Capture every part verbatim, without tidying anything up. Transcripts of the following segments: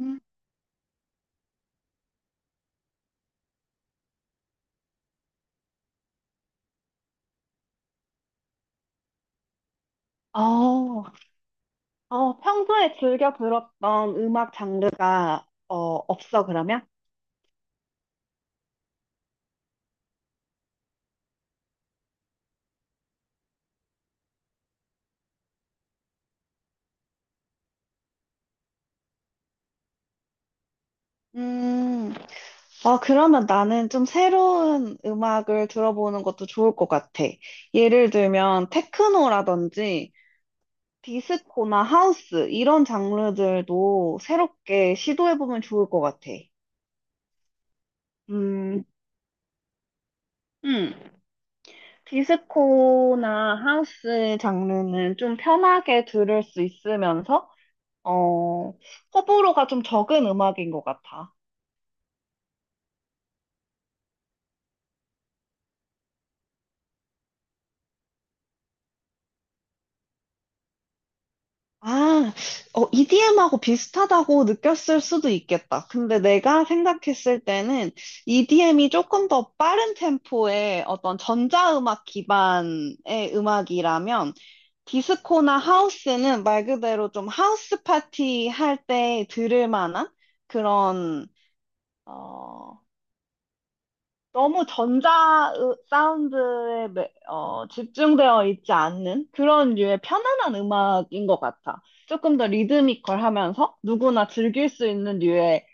음. 어, 어, 평소에 즐겨 들었던 음악 장르가 어, 없어, 그러면? 음, 어, 그러면 나는 좀 새로운 음악을 들어보는 것도 좋을 것 같아. 예를 들면, 테크노라든지, 디스코나 하우스, 이런 장르들도 새롭게 시도해보면 좋을 것 같아. 음, 음. 디스코나 하우스 장르는 좀 편하게 들을 수 있으면서, 어, 호불호가 좀 적은 음악인 것 같아. 아, 어, 이디엠하고 비슷하다고 느꼈을 수도 있겠다. 근데 내가 생각했을 때는 이디엠이 조금 더 빠른 템포의 어떤 전자음악 기반의 음악이라면 디스코나 하우스는 말 그대로 좀 하우스 파티 할 때 들을 만한 그런, 어, 너무 전자 으- 사운드에 매- 어, 집중되어 있지 않는 그런 류의 편안한 음악인 것 같아. 조금 더 리드미컬하면서 누구나 즐길 수 있는 류의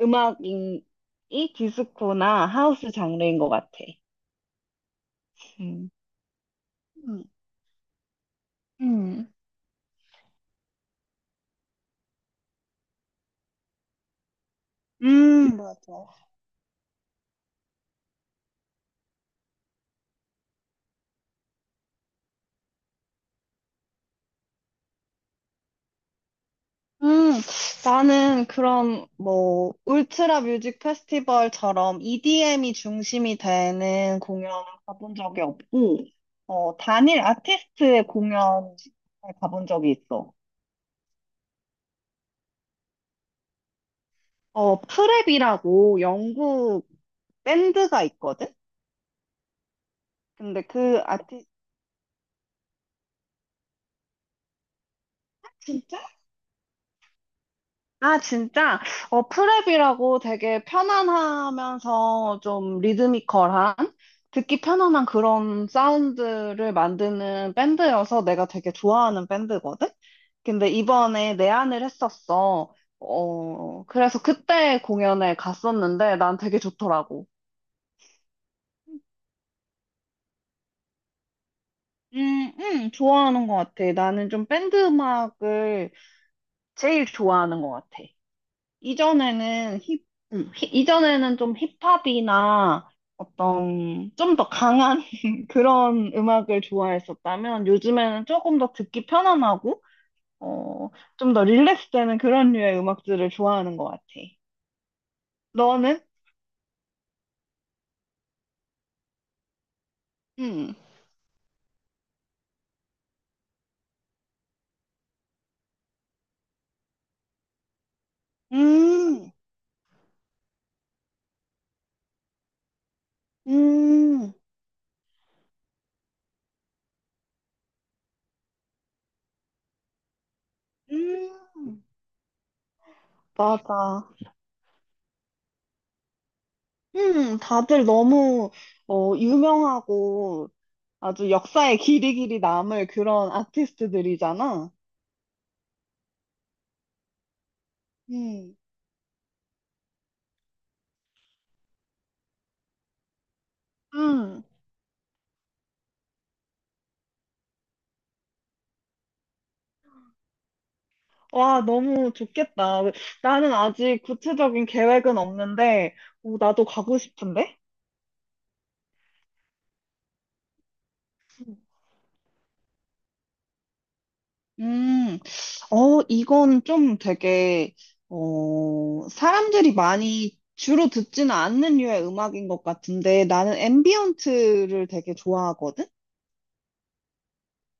음악이 디스코나 하우스 장르인 것 같아. 음. 음. 음. 음, 음, 나는 그런, 뭐, 울트라 뮤직 페스티벌처럼 이디엠이 중심이 되는 공연을 가본 적이 없고, 어, 단일 아티스트의 공연을 가본 적이 있어. 어, 프랩이라고 영국 밴드가 있거든? 근데 그 아티, 진짜? 아, 진짜? 어, 프랩이라고 되게 편안하면서 좀 리드미컬한, 듣기 편안한 그런 사운드를 만드는 밴드여서 내가 되게 좋아하는 밴드거든? 근데 이번에 내한을 했었어. 어, 그래서 그때 공연에 갔었는데 난 되게 좋더라고. 음, 음, 좋아하는 것 같아. 나는 좀 밴드 음악을 제일 좋아하는 것 같아. 이전에는 힙, 음, 힙- 이전에는 좀 힙합이나 어떤 좀 더 강한 그런 음악을 좋아했었다면 요즘에는 조금 더 듣기 편안하고 어, 좀 더 릴렉스 되는 그런 류의 음악들을 좋아하는 것 같아. 너는? 음. 음, 음, 음, 맞아. 음, 다들 너무 어, 유명하고 아주 역사에 길이길이 남을 그런 아티스트들이잖아. 음. 음. 와, 너무 좋겠다. 나는 아직 구체적인 계획은 없는데, 오, 나도 가고 싶은데? 음, 어, 이건 좀 되게, 어, 사람들이 많이 주로 듣지는 않는 류의 음악인 것 같은데, 나는 앰비언트를 되게 좋아하거든?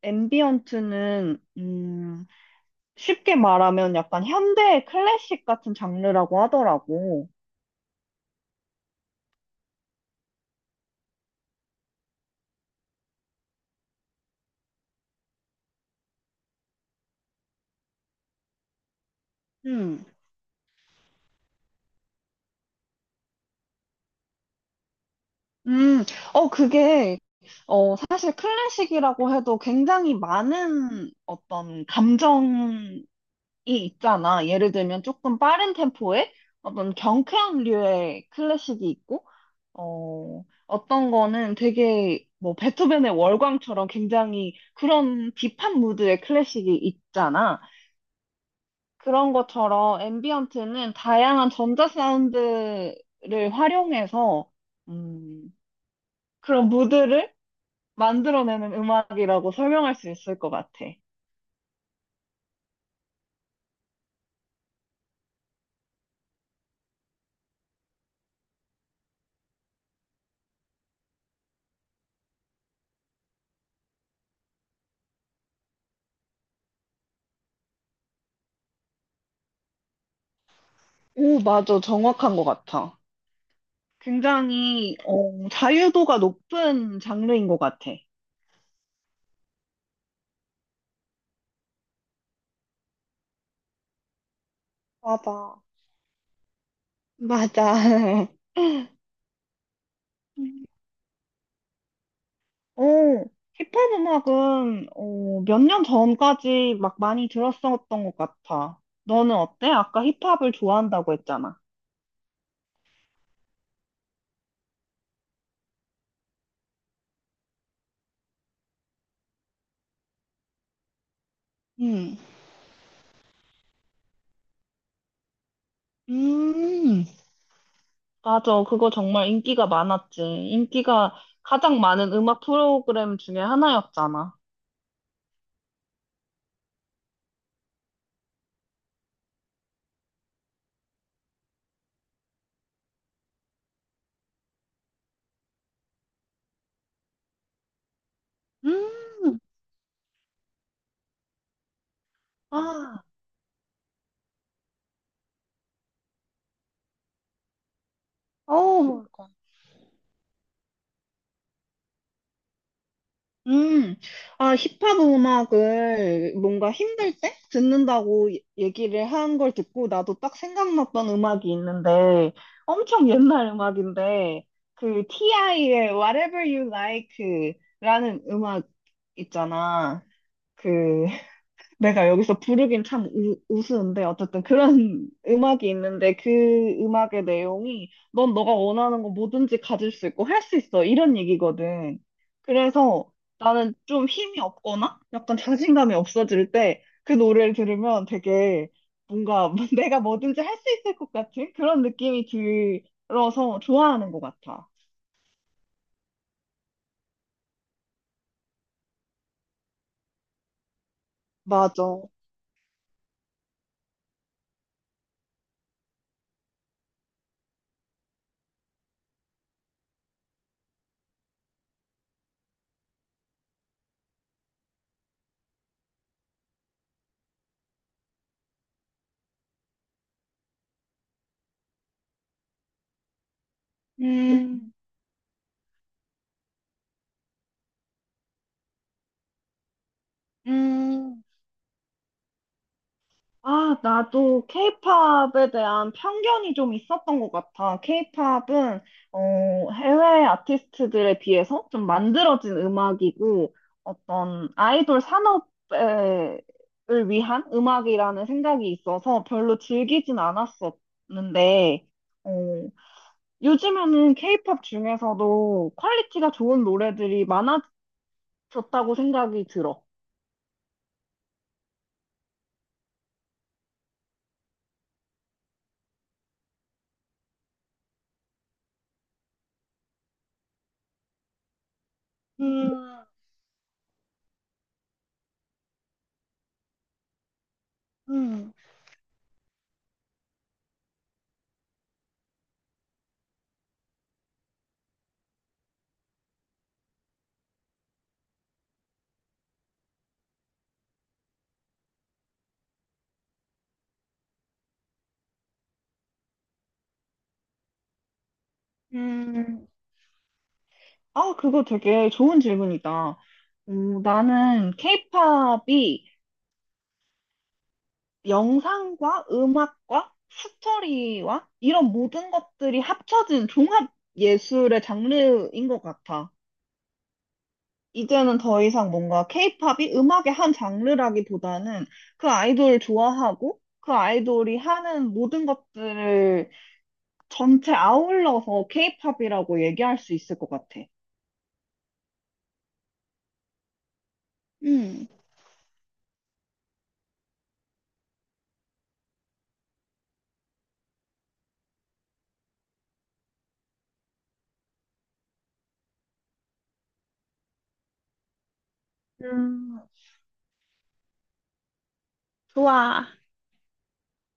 앰비언트는, 음, 쉽게 말하면 약간 현대 클래식 같은 장르라고 하더라고. 음. 음, 어, 그게, 어, 사실 클래식이라고 해도 굉장히 많은 어떤 감정이 있잖아. 예를 들면 조금 빠른 템포의 어떤 경쾌한 류의 클래식이 있고, 어, 어떤 거는 되게 뭐 베토벤의 월광처럼 굉장히 그런 딥한 무드의 클래식이 있잖아. 그런 것처럼 앰비언트는 다양한 전자 사운드를 활용해서 음, 그런 무드를 만들어내는 음악이라고 설명할 수 있을 것 같아. 오, 맞아. 정확한 것 같아. 굉장히 어, 자유도가 높은 장르인 것 같아. 맞아. 맞아. 음. 어, 힙합 음악은 어, 몇 년 전까지 막 많이 들었었던 것 같아. 너는 어때? 아까 힙합을 좋아한다고 했잖아. 음. 음. 맞아, 그거 정말 인기가 많았지. 인기가 가장 많은 음악 프로그램 중에 하나였잖아. 음, 아, 어, 그까. 음, 아, 힙합 음악을 뭔가 힘들 때 듣는다고 예- 얘기를 한 걸 듣고 나도 딱 생각났던 음악이 있는데 엄청 옛날 음악인데 그 티아이의 Whatever You Like 라는 음악 있잖아. 그 내가 여기서 부르긴 참 우, 우스운데 어쨌든 그런 음악이 있는데 그 음악의 내용이 넌 너가 원하는 거 뭐든지 가질 수 있고 할 수 있어 이런 얘기거든. 그래서 나는 좀 힘이 없거나 약간 자신감이 없어질 때 그 노래를 들으면 되게 뭔가 내가 뭐든지 할 수 있을 것 같은 그런 느낌이 들어서 좋아하는 것 같아. 맞아. 음, 음. 아, 나도 케이팝에 대한 편견이 좀 있었던 것 같아. 케이팝은 어, 해외 아티스트들에 비해서 좀 만들어진 음악이고 어떤 아이돌 산업을 위한 음악이라는 생각이 있어서 별로 즐기진 않았었는데 어, 요즘에는 케이팝 중에서도 퀄리티가 좋은 노래들이 많아졌다고 생각이 들어. 음, 음, 음. 아, 그거 되게 좋은 질문이다. 오, 나는 케이팝이 영상과 음악과 스토리와 이런 모든 것들이 합쳐진 종합 예술의 장르인 것 같아. 이제는 더 이상 뭔가 케이팝이 음악의 한 장르라기보다는 그 아이돌을 좋아하고 그 아이돌이 하는 모든 것들을 전체 아울러서 케이팝이라고 얘기할 수 있을 것 같아. 음. 음, 좋아.